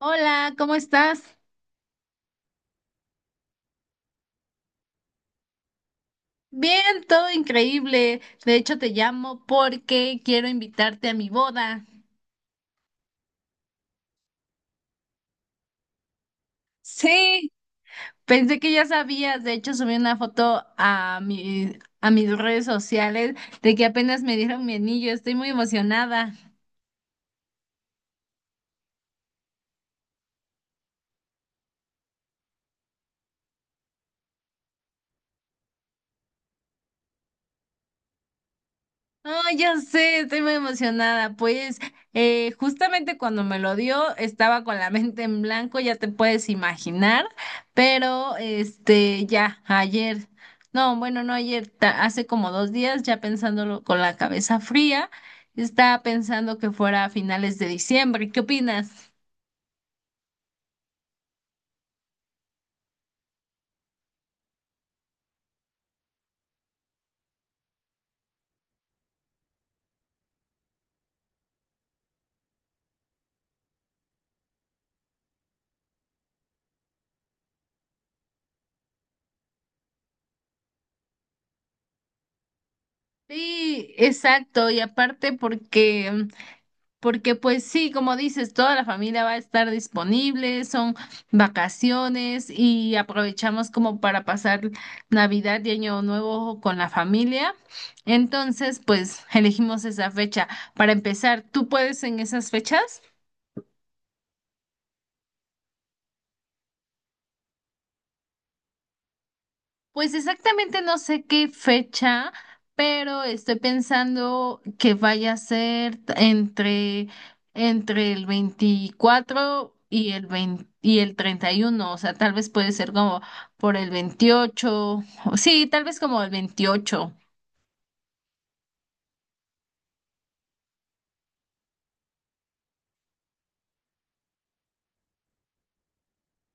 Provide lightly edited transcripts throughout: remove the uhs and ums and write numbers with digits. Hola, ¿cómo estás? Bien, todo increíble. De hecho, te llamo porque quiero invitarte a mi boda. Sí, pensé que ya sabías. De hecho, subí una foto a mis redes sociales de que apenas me dieron mi anillo. Estoy muy emocionada. No, ya sé, estoy muy emocionada. Pues justamente cuando me lo dio estaba con la mente en blanco, ya te puedes imaginar, pero ya ayer, no, bueno, no ayer, hace como 2 días ya pensándolo con la cabeza fría, estaba pensando que fuera a finales de diciembre. ¿Qué opinas? Sí, exacto, y aparte Porque pues sí, como dices, toda la familia va a estar disponible, son vacaciones y aprovechamos como para pasar Navidad y Año Nuevo con la familia. Entonces, pues elegimos esa fecha. Para empezar, ¿tú puedes en esas fechas? Pues exactamente no sé qué fecha, pero estoy pensando que vaya a ser entre el 24 y el 20 y el 31. O sea, tal vez puede ser como por el 28. O sí, tal vez como el 28.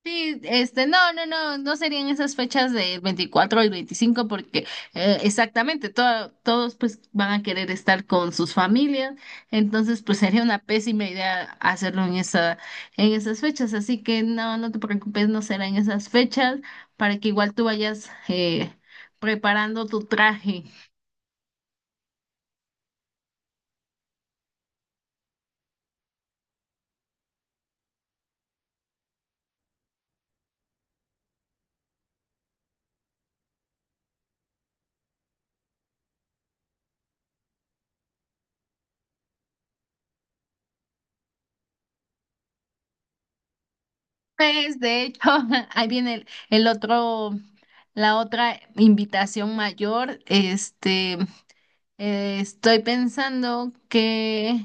Sí, no, no, no, no serían esas fechas del 24 al 25 porque exactamente todos pues van a querer estar con sus familias, entonces pues sería una pésima idea hacerlo en en esas fechas, así que no, no te preocupes, no será en esas fechas para que igual tú vayas preparando tu traje. Pues de hecho, ahí viene el otro, la otra invitación mayor, estoy pensando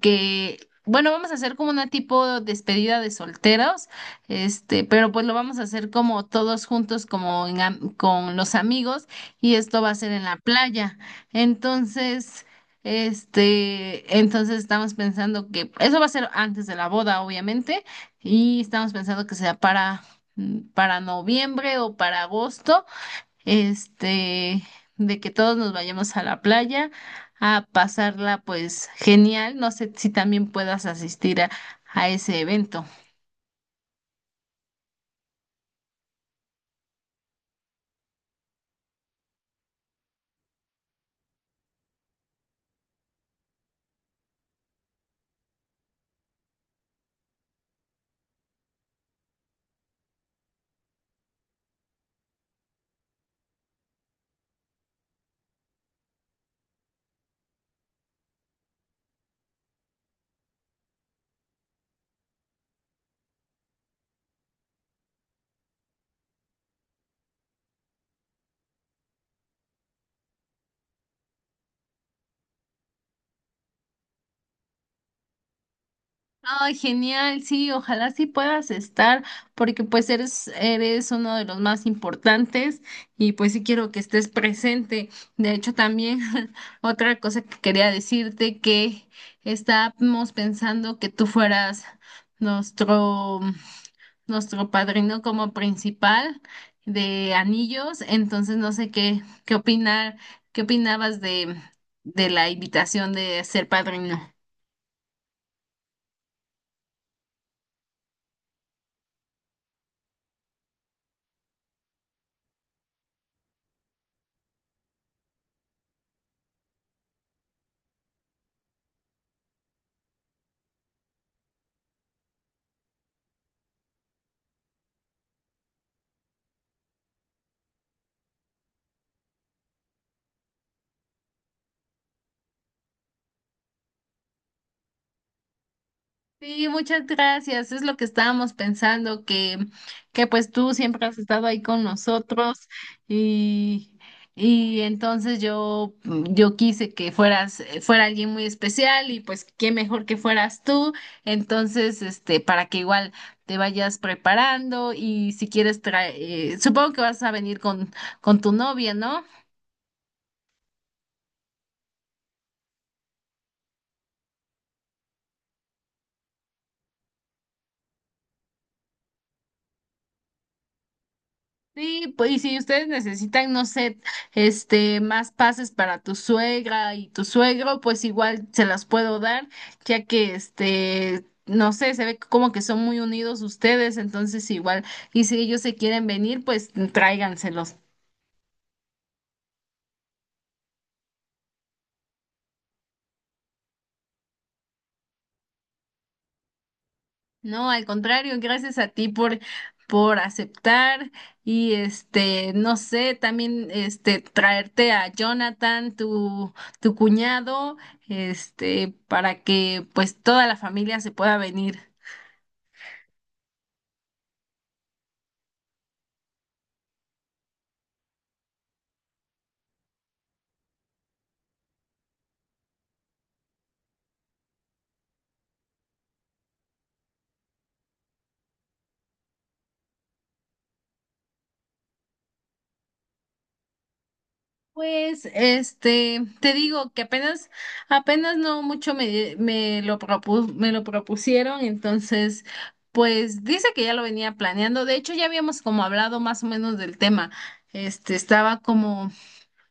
que, bueno, vamos a hacer como una tipo despedida de solteros, pero pues lo vamos a hacer como todos juntos, como con los amigos, y esto va a ser en la playa. Entonces, entonces estamos pensando que eso va a ser antes de la boda, obviamente, y estamos pensando que sea para noviembre o para agosto este, de que todos nos vayamos a la playa a pasarla pues genial. No sé si también puedas asistir a ese evento. Ay, genial, sí, ojalá sí puedas estar, porque pues eres uno de los más importantes y pues sí quiero que estés presente. De hecho, también otra cosa que quería decirte que estábamos pensando que tú fueras nuestro nuestro padrino como principal de anillos, entonces no sé qué opinar, qué opinabas de la invitación de ser padrino. Sí, muchas gracias. Es lo que estábamos pensando, que pues tú siempre has estado ahí con nosotros y, y entonces yo quise que fuera alguien muy especial y pues qué mejor que fueras tú. Entonces, para que igual te vayas preparando y si quieres traer, supongo que vas a venir con tu novia, ¿no? Sí, pues, y si ustedes necesitan, no sé, más pases para tu suegra y tu suegro, pues igual se las puedo dar, ya que no sé, se ve como que son muy unidos ustedes, entonces igual, y si ellos se quieren venir, pues tráiganselos. No, al contrario, gracias a ti por aceptar y no sé, también traerte a Jonathan, tu cuñado, para que pues toda la familia se pueda venir. Pues, te digo que apenas, apenas no mucho me lo propusieron, entonces, pues dice que ya lo venía planeando. De hecho, ya habíamos como hablado más o menos del tema. Este, estaba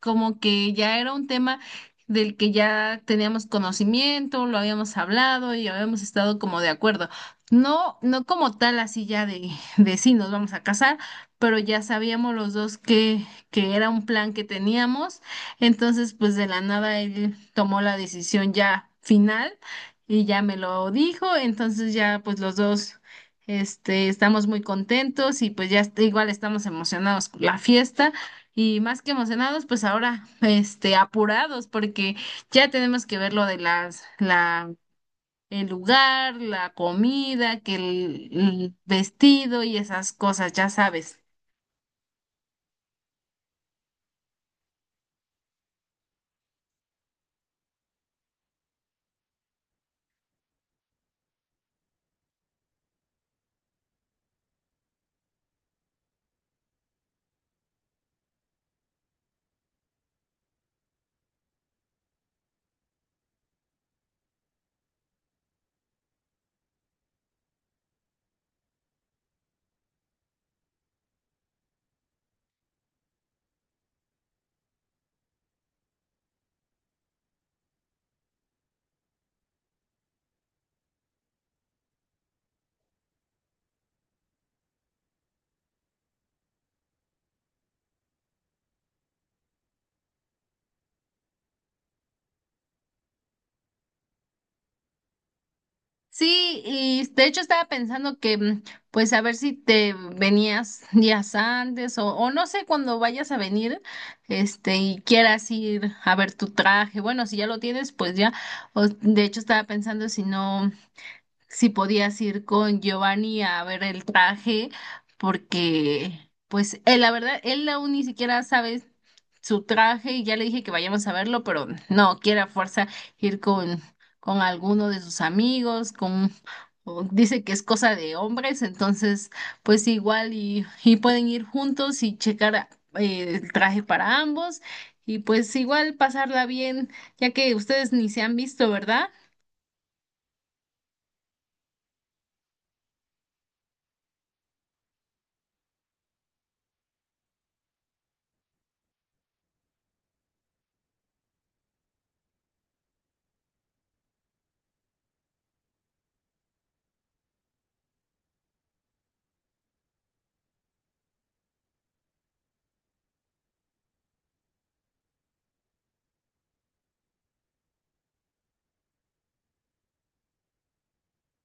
como que ya era un tema del que ya teníamos conocimiento, lo habíamos hablado y habíamos estado como de acuerdo. No, no como tal así ya de sí nos vamos a casar, pero ya sabíamos los dos que era un plan que teníamos. Entonces, pues de la nada él tomó la decisión ya final y ya me lo dijo. Entonces ya pues los dos estamos muy contentos y pues ya igual estamos emocionados por la fiesta. Y más que emocionados, pues ahora, apurados, porque ya tenemos que ver lo de el lugar, la comida, que el vestido y esas cosas, ya sabes. Sí, y de hecho estaba pensando pues a ver si te venías días antes o no sé cuando vayas a venir, y quieras ir a ver tu traje. Bueno, si ya lo tienes, pues ya. O, de hecho estaba pensando si no. Si podías ir con Giovanni a ver el traje, porque pues él, la verdad, él aún ni siquiera sabe su traje y ya le dije que vayamos a verlo, pero no, quiere a fuerza ir con alguno de sus amigos, con... o dice que es cosa de hombres, entonces pues igual y pueden ir juntos y checar el traje para ambos y pues igual pasarla bien, ya que ustedes ni se han visto, ¿verdad?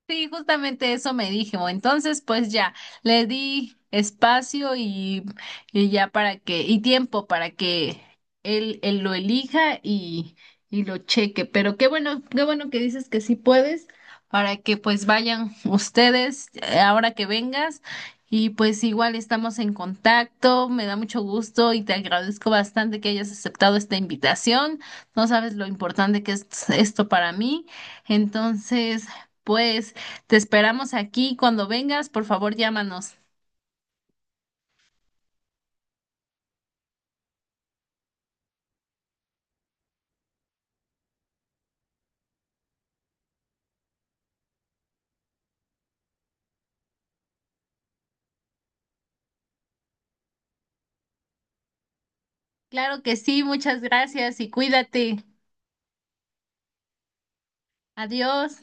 Sí, justamente eso me dijo. Entonces, pues ya, le di espacio y ya y tiempo para que él lo elija y lo cheque. Pero qué bueno que dices que sí puedes, para que pues vayan ustedes ahora que vengas. Y pues igual estamos en contacto, me da mucho gusto y te agradezco bastante que hayas aceptado esta invitación. No sabes lo importante que es esto para mí. Entonces, pues... Te esperamos aquí. Cuando vengas, por favor, llámanos. Claro que sí, muchas gracias y cuídate. Adiós.